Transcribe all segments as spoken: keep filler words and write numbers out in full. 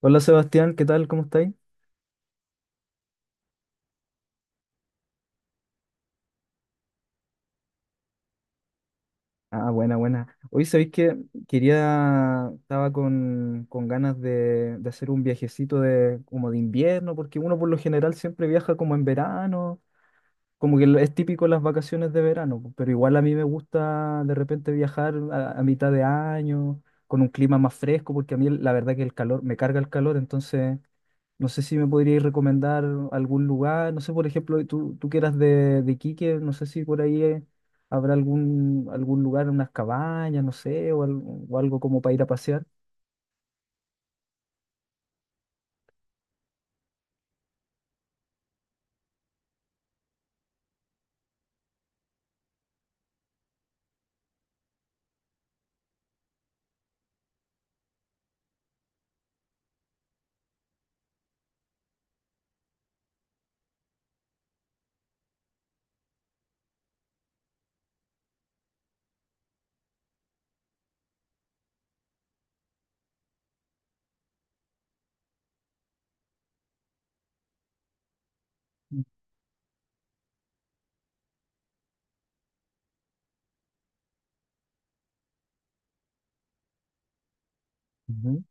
Hola Sebastián, ¿qué tal? ¿Cómo estáis? Ah, buena, buena. Hoy sabéis que quería, estaba con, con ganas de, de hacer un viajecito de, como de invierno, porque uno por lo general siempre viaja como en verano, como que es típico las vacaciones de verano, po, pero igual a mí me gusta de repente viajar a, a mitad de año, con un clima más fresco, porque a mí la verdad que el calor, me carga el calor, entonces, no sé si me podríais recomendar algún lugar, no sé, por ejemplo, tú, tú que eras de, de Iquique, no sé si por ahí eh, habrá algún, algún lugar, unas cabañas, no sé, o, al- o algo como para ir a pasear. Ujú,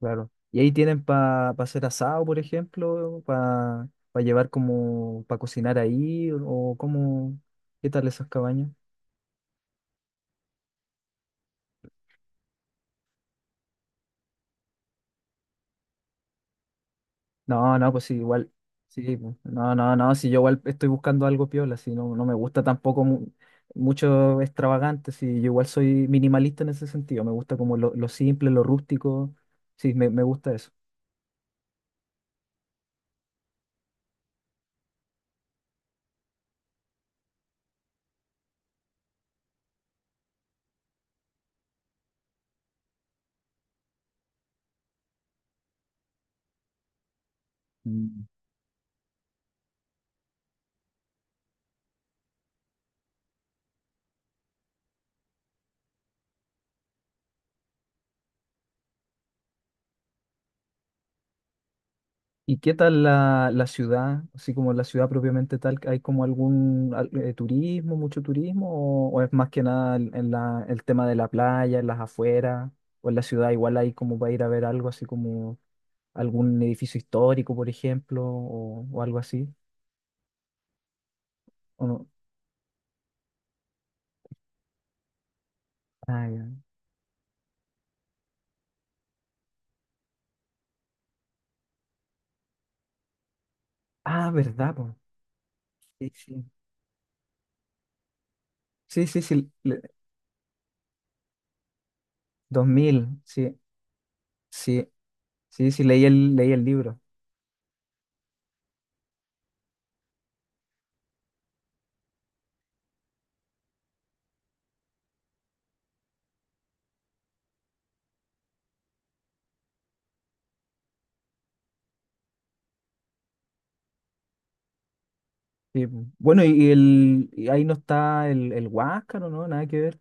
claro. Y ahí tienen para hacer asado, por ejemplo, para llevar como, para cocinar ahí, o como, ¿qué tal esas cabañas? No, no, pues sí, igual. Sí, pues, no, no, no, si yo igual estoy buscando algo piola, si no, no me gusta tampoco mu- mucho extravagante, si yo igual soy minimalista en ese sentido, me gusta como lo, lo simple, lo rústico, sí, me, me gusta eso. Mm. ¿Y qué tal la, la ciudad, así como la ciudad propiamente tal, hay como algún al- eh, turismo, mucho turismo, o, o es más que nada en en la, el tema de la playa, en las afueras, o en la ciudad igual hay como para ir a ver algo así como algún edificio histórico, por ejemplo, o, o algo así, ¿o no? Ah, ya. Ah, ¿verdad, po? Sí, sí. Sí, sí, sí, le- dos mil, sí, sí, sí, sí, leí el, leí el libro. Sí, po. Bueno, y, y el, y ahí no está el, el Huáscar, ¿o no? Nada que ver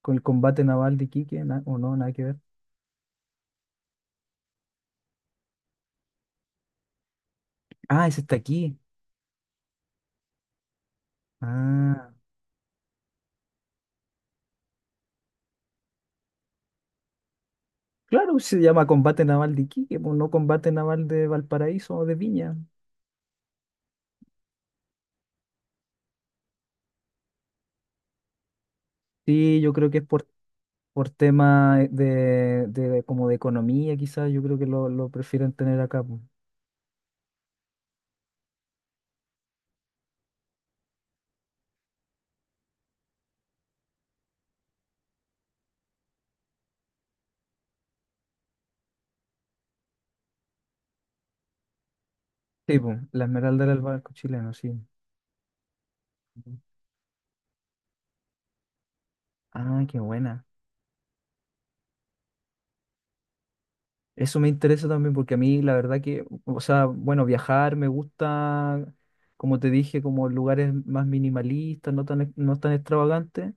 con el combate naval de Iquique, na- ¿o no? Nada que ver. Ah, ese está aquí. Ah, claro, se llama combate naval de Iquique, po, no combate naval de Valparaíso o de Viña. Sí, yo creo que es por por tema de, de- como de economía, quizás yo creo que lo, lo prefieren tener acá, po. Sí, po, la Esmeralda era el barco chileno, sí. Ah, qué buena. Eso me interesa también porque a mí la verdad que, o sea, bueno, viajar me gusta, como te dije, como lugares más minimalistas, no tan, no tan extravagantes,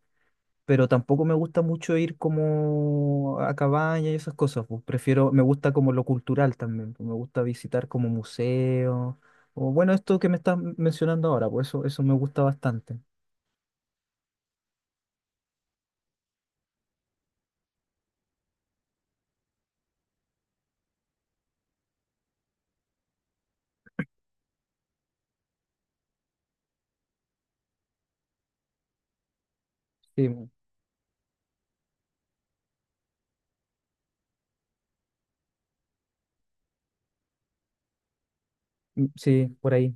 pero tampoco me gusta mucho ir como a cabaña y esas cosas, pues prefiero, me gusta como lo cultural también, pues, me gusta visitar como museos, o bueno, esto que me estás mencionando ahora, pues eso, eso me gusta bastante. Sí, mm, mm, sí, por ahí,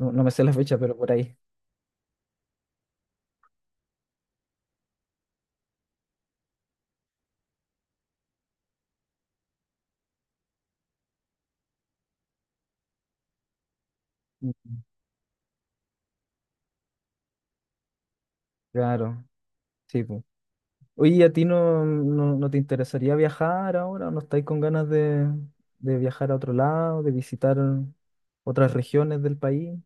no, no me sé la fecha, pero por ahí. Mm. Claro, sí, pues. Oye, ¿y a ti no, no, no te interesaría viajar ahora? ¿No estáis con ganas de, de viajar a otro lado, de visitar otras regiones del país?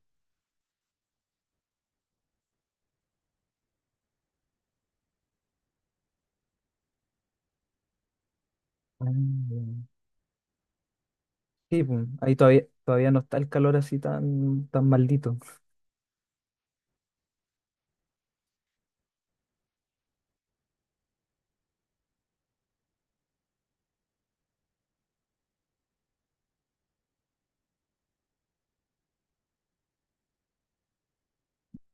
Ah, sí, pues, ahí todavía, todavía no está el calor así tan, tan maldito.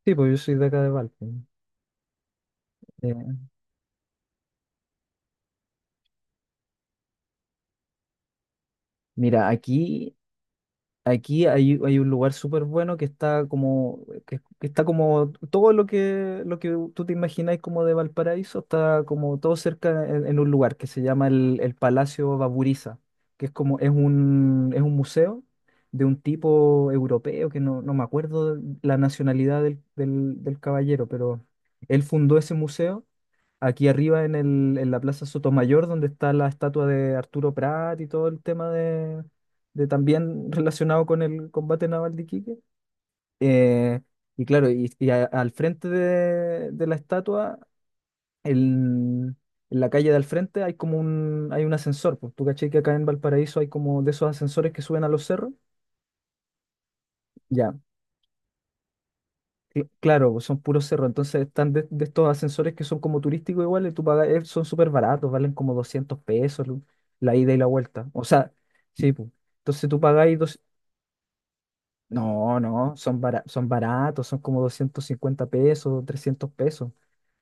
Sí, pues yo soy de acá de Valpo. Eh, Mira, aquí, aquí hay, hay un lugar súper bueno que está como, que, que está como todo lo que, lo que, tú te imagináis como de Valparaíso, está como todo cerca en, en un lugar que se llama el, el Palacio Baburiza, que es como, es un, es un museo de un tipo europeo, que no, no me acuerdo la nacionalidad del, del del caballero, pero él fundó ese museo aquí arriba en el, en la Plaza Sotomayor, donde está la estatua de Arturo Prat y todo el tema de, de también relacionado con el combate naval de Iquique. Eh, y claro, y, y a- al frente de, de la estatua, el- en la calle de al frente hay como un, hay un ascensor. Pues tú caché que acá en Valparaíso hay como de esos ascensores que suben a los cerros. Ya. Cl- Claro, son puros cerros, entonces están de, de estos ascensores que son como turísticos igual, y tú pagas, eh, son súper baratos, valen como doscientos pesos lu- la ida y la vuelta. O sea, sí, pu. Entonces tú pagáis dos... No, no, son, bara- son baratos, son como doscientos cincuenta pesos, trescientos pesos.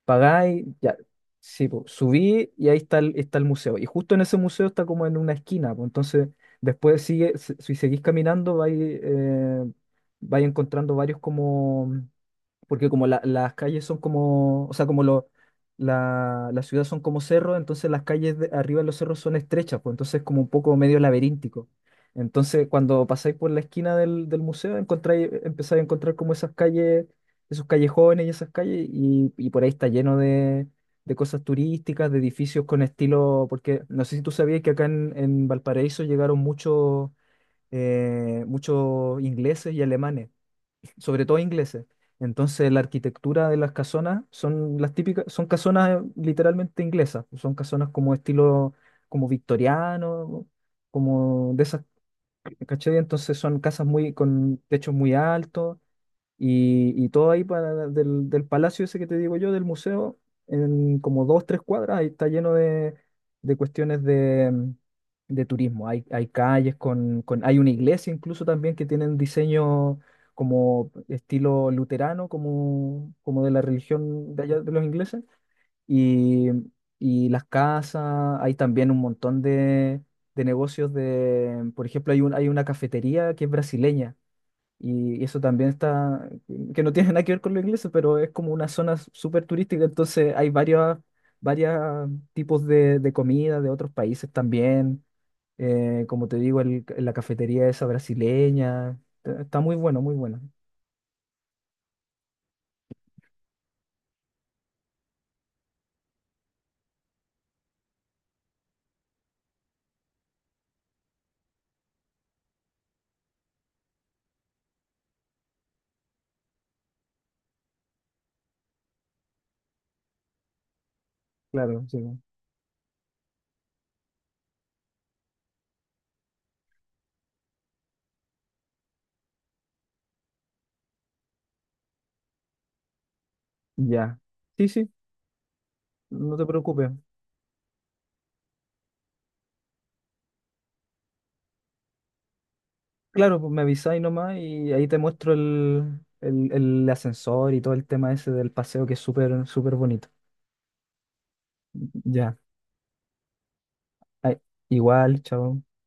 Pagáis, ya, sí, pu. Subí y ahí está el, está el museo. Y justo en ese museo está como en una esquina, pu. Entonces después sigue, si si seguís caminando, vais, eh, vais encontrando varios como porque como la- las calles son como, o sea, como lo, la, la ciudad son como cerros, entonces las calles de arriba de los cerros son estrechas, pues entonces es como un poco medio laberíntico. Entonces, cuando pasáis por la esquina del, del museo, encontráis, empezáis a encontrar como esas calles, esos callejones y esas calles, y, y por ahí está lleno de, de cosas turísticas, de edificios con estilo, porque no sé si tú sabías que acá en, en Valparaíso llegaron muchos eh, muchos ingleses y alemanes, sobre todo ingleses. Entonces, la arquitectura de las casonas son las típicas, son casonas eh, literalmente inglesas, son casonas como estilo como victoriano, como de esas, ¿cachai? Entonces son casas muy con techos muy altos, y, y todo ahí para, del, del palacio ese que te digo yo, del museo, en como dos, tres cuadras, ahí está lleno de, de cuestiones de, mm, de turismo. Hay, hay calles con, con, hay una iglesia incluso también que tienen diseño como estilo luterano, como, como de la religión de allá de los ingleses. Y, y las casas, hay también un montón de, de negocios de, por ejemplo, hay un, hay una cafetería que es brasileña y eso también está, que no tiene nada que ver con lo inglés, pero es como una zona s- súper turística, entonces hay varios, varios tipos de, de comida de otros países también. Eh, como te digo, el- la cafetería esa brasileña, está está muy bueno, muy bueno. Claro, sí. Ya. Sí, sí, no te preocupes. Claro, pues me avisáis nomás y ahí te muestro el, el, el ascensor y todo el tema ese del paseo que es súper, súper bonito. Ya. Ay, igual, chao.